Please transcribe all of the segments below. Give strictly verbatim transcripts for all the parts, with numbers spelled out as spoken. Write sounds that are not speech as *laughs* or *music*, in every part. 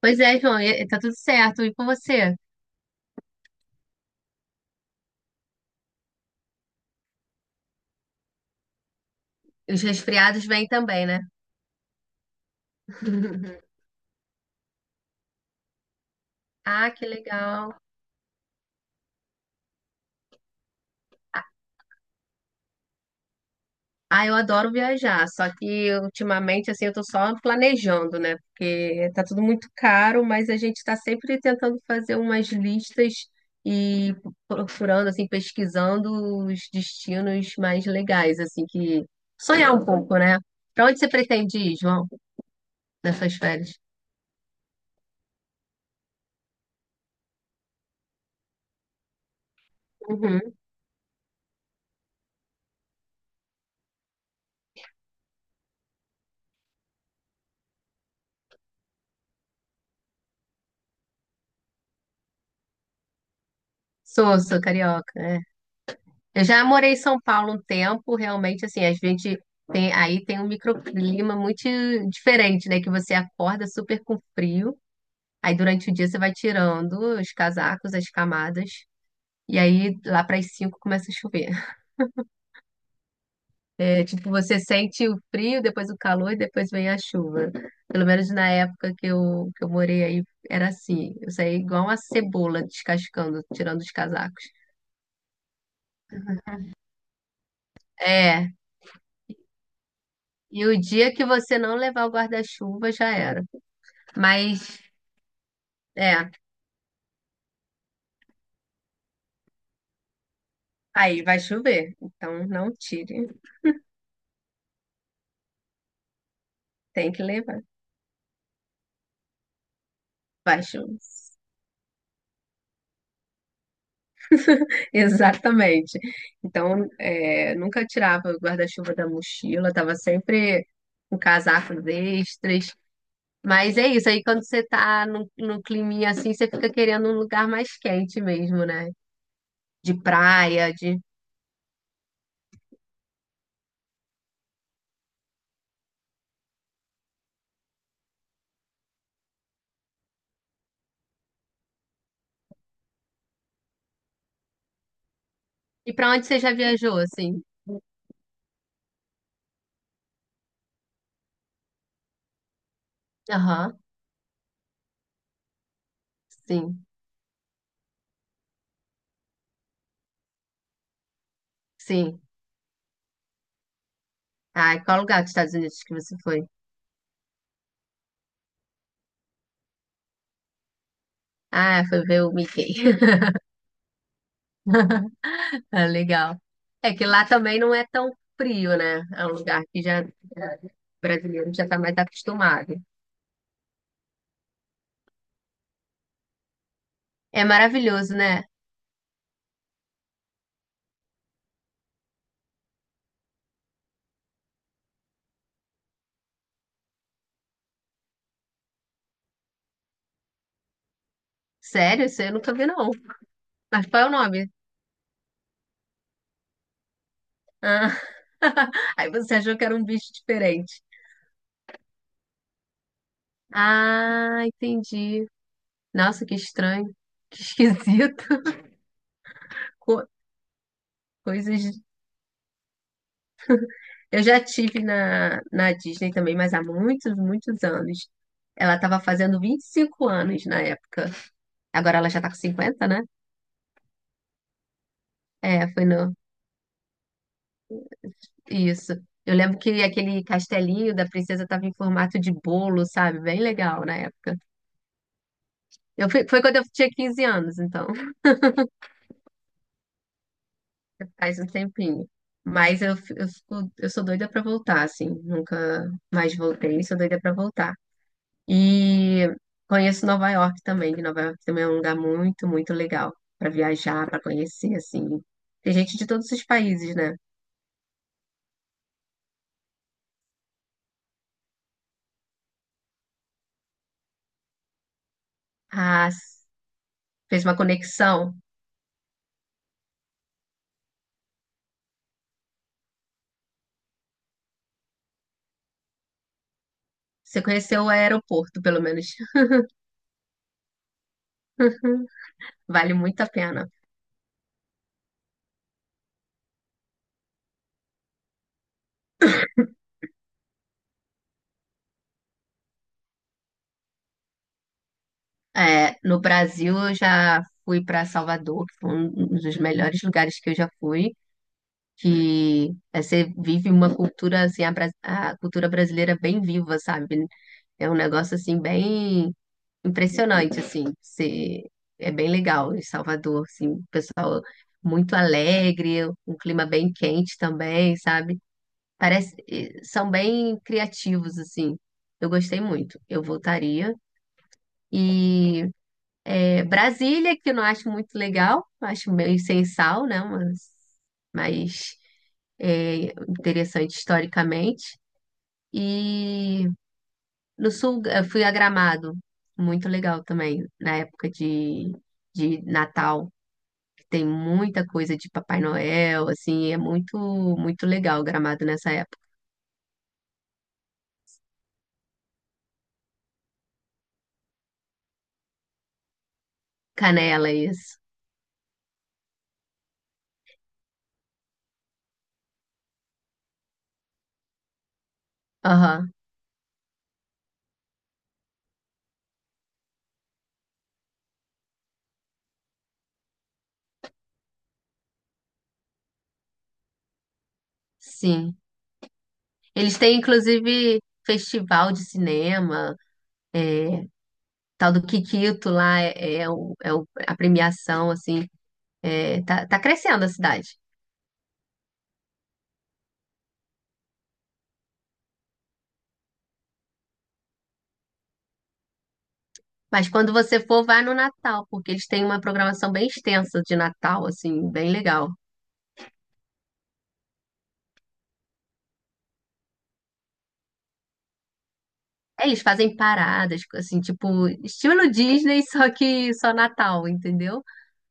Pois é, João, e- tá tudo certo. E com você? Os resfriados vêm também, né? *laughs* Ah, que legal. Ah, eu adoro viajar, só que ultimamente, assim, eu tô só planejando, né? Porque tá tudo muito caro, mas a gente tá sempre tentando fazer umas listas e procurando, assim, pesquisando os destinos mais legais, assim, que sonhar um pouco, né? Pra onde você pretende ir, João, nessas férias? Uhum. Sou, sou carioca, é. Eu já morei em São Paulo um tempo, realmente, assim, a gente tem, aí tem um microclima muito diferente, né? Que você acorda super com frio, aí durante o dia você vai tirando os casacos, as camadas, e aí lá para as cinco começa a chover. É, tipo, você sente o frio, depois o calor, e depois vem a chuva. Pelo menos na época que eu, que eu morei aí, era assim. Eu saía igual uma cebola descascando, tirando os casacos. É, e o dia que você não levar o guarda-chuva já era. Mas é, aí vai chover. Então não tire, tem que levar. Vai chover. *laughs* Exatamente. Então, é, nunca tirava o guarda-chuva da mochila, tava sempre com casacos extras. Mas é isso, aí quando você tá num, num climinha assim, você fica querendo um lugar mais quente mesmo, né? De praia, de... E pra onde você já viajou, assim? Aham, sim, sim. Ah, e qual lugar dos Estados Unidos que você foi? Ah, foi ver o Mickey. É legal. É que lá também não é tão frio, né? É um lugar que já o brasileiro já tá mais acostumado. É maravilhoso, né? Sério, isso eu nunca vi, não. Mas qual é o nome? Ah. *laughs* Aí você achou que era um bicho diferente. Ah, entendi. Nossa, que estranho. Que esquisito. *laughs* Co- Coisas. Eu já tive na, na Disney também, mas há muitos, muitos anos. Ela estava fazendo vinte e cinco anos na época. Agora ela já tá com cinquenta, né? É, foi no isso. Eu lembro que aquele castelinho da princesa estava em formato de bolo, sabe? Bem legal na época. Eu fui- foi quando eu tinha quinze anos, então *laughs* faz um tempinho. Mas eu, fi- eu, fico- eu sou doida pra voltar, assim. Nunca mais voltei, sou doida pra voltar. E conheço Nova York também, que Nova York também é um lugar muito, muito legal pra viajar, pra conhecer, assim. Tem gente de todos os países, né? Ah, s- fez uma conexão. Você conheceu o aeroporto, pelo menos. *laughs* Vale muito a pena. É, no Brasil, eu já fui para Salvador, que foi um um dos melhores lugares que eu já fui. Que é, você vive uma cultura, assim, a, bra- a cultura brasileira bem viva, sabe? É um negócio, assim, bem impressionante, assim. Você, é bem legal em Salvador, assim, o pessoal muito alegre, um clima bem quente também, sabe? Parece, e são bem criativos, assim. Eu gostei muito. Eu voltaria. E é, Brasília, que eu não acho muito legal, acho meio sem sal, né? Mas, mas é interessante historicamente. E no sul eu fui a Gramado, muito legal também, na época de, de Natal, que tem muita coisa de Papai Noel, assim, é muito, muito legal o Gramado nessa época. Canela, isso. Aham, sim. Eles têm, inclusive, festival de cinema. Tal do Kikito lá é, é o, é o- a premiação, assim, é, tá, tá crescendo a cidade. Mas quando você for, vai no Natal, porque eles têm uma programação bem extensa de Natal, assim, bem legal. É, eles fazem paradas, assim, tipo, estilo Disney, só que só Natal, entendeu?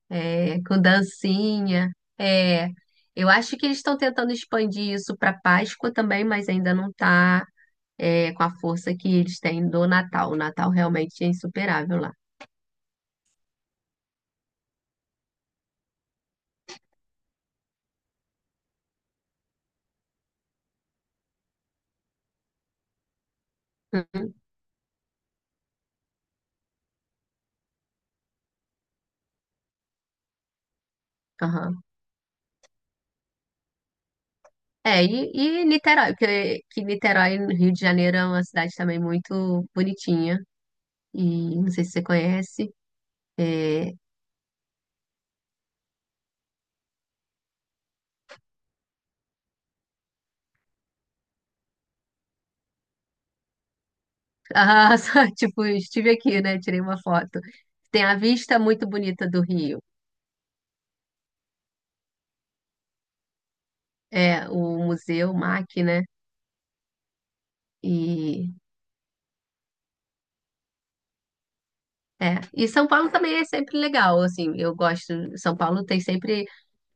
É, com dancinha. É, eu acho que eles estão tentando expandir isso para Páscoa também, mas ainda não tá, é, com a força que eles têm do Natal. O Natal realmente é insuperável lá. Aham. É, e, e Niterói, porque que Niterói, no Rio de Janeiro, é uma cidade também muito bonitinha. E não sei se você conhece. É... Ah, *laughs* só, tipo, estive aqui, né? Tirei uma foto. Tem a vista muito bonita do Rio. É, o Museu M A C, né? E, é. E São Paulo também é sempre legal, assim, eu gosto. São Paulo tem sempre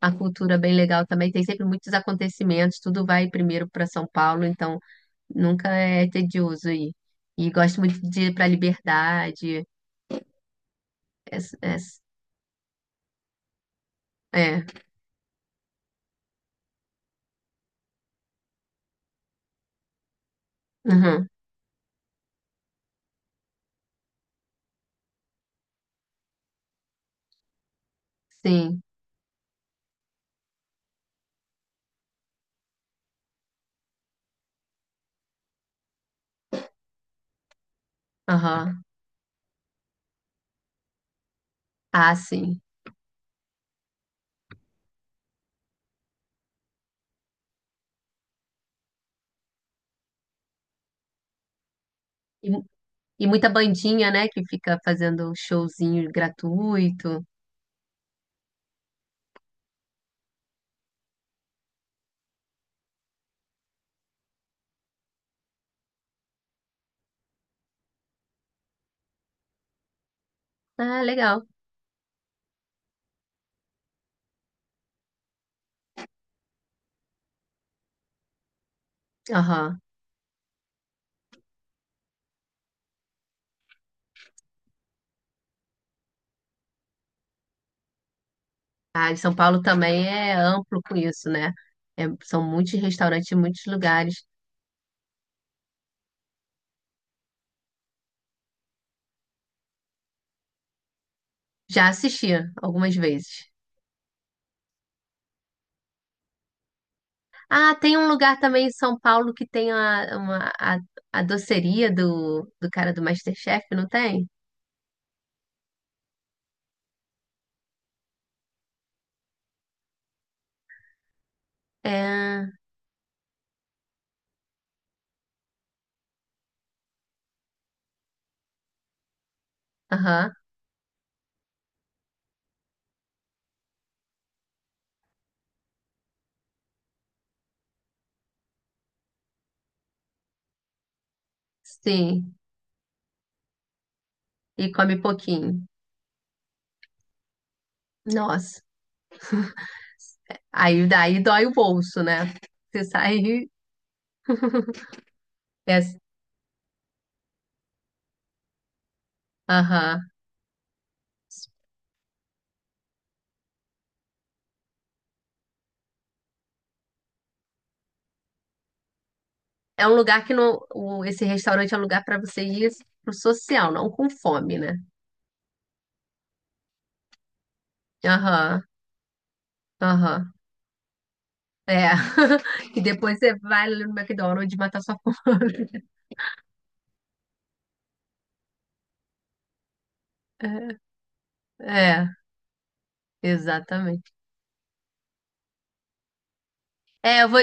a cultura bem legal também, tem sempre muitos acontecimentos, tudo vai primeiro para São Paulo, então nunca é tedioso aí. E gosto muito de ir pra liberdade. Es- es- É, uhum, sim, aham, ah, sim. E, mu- e muita bandinha, né, que fica fazendo showzinho gratuito. Ah, legal. Aham. Ah, e São Paulo também é amplo com isso, né? É, são muitos restaurantes, muitos lugares. Já assisti algumas vezes. Ah, tem um lugar também em São Paulo que tem a, uma, a, a doceria do, do cara do MasterChef, não tem? É, aham, sim. E come pouquinho. Nossa. Aí daí dói o bolso, né? Você sai. É, aham. É um lugar que não. O- esse restaurante é um lugar para você ir assim, pro social, não com fome, né? Aham, aham. É. *laughs* E depois você vai ali no McDonald's matar sua fome. *laughs* É, exatamente. É, eu vou,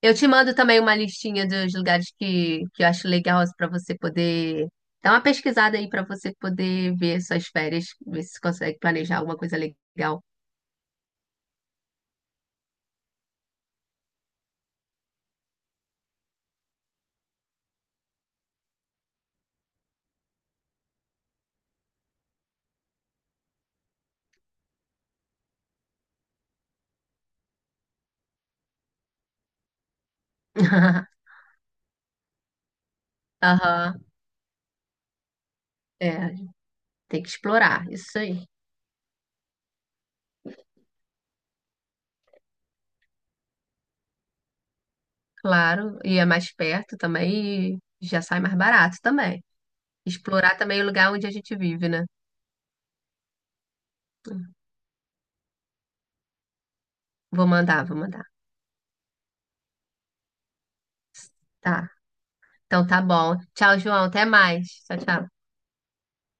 eu te mando também uma listinha dos lugares que, que eu acho legal para você poder dar uma pesquisada aí para você poder ver suas férias, ver se consegue planejar alguma coisa legal. *laughs* Aham, é, tem que explorar, isso aí, claro, e é mais perto também e já sai mais barato também. Explorar também o lugar onde a gente vive, né? Vou mandar, vou mandar. Tá, então tá bom. Tchau, João, até mais. Tchau, tchau.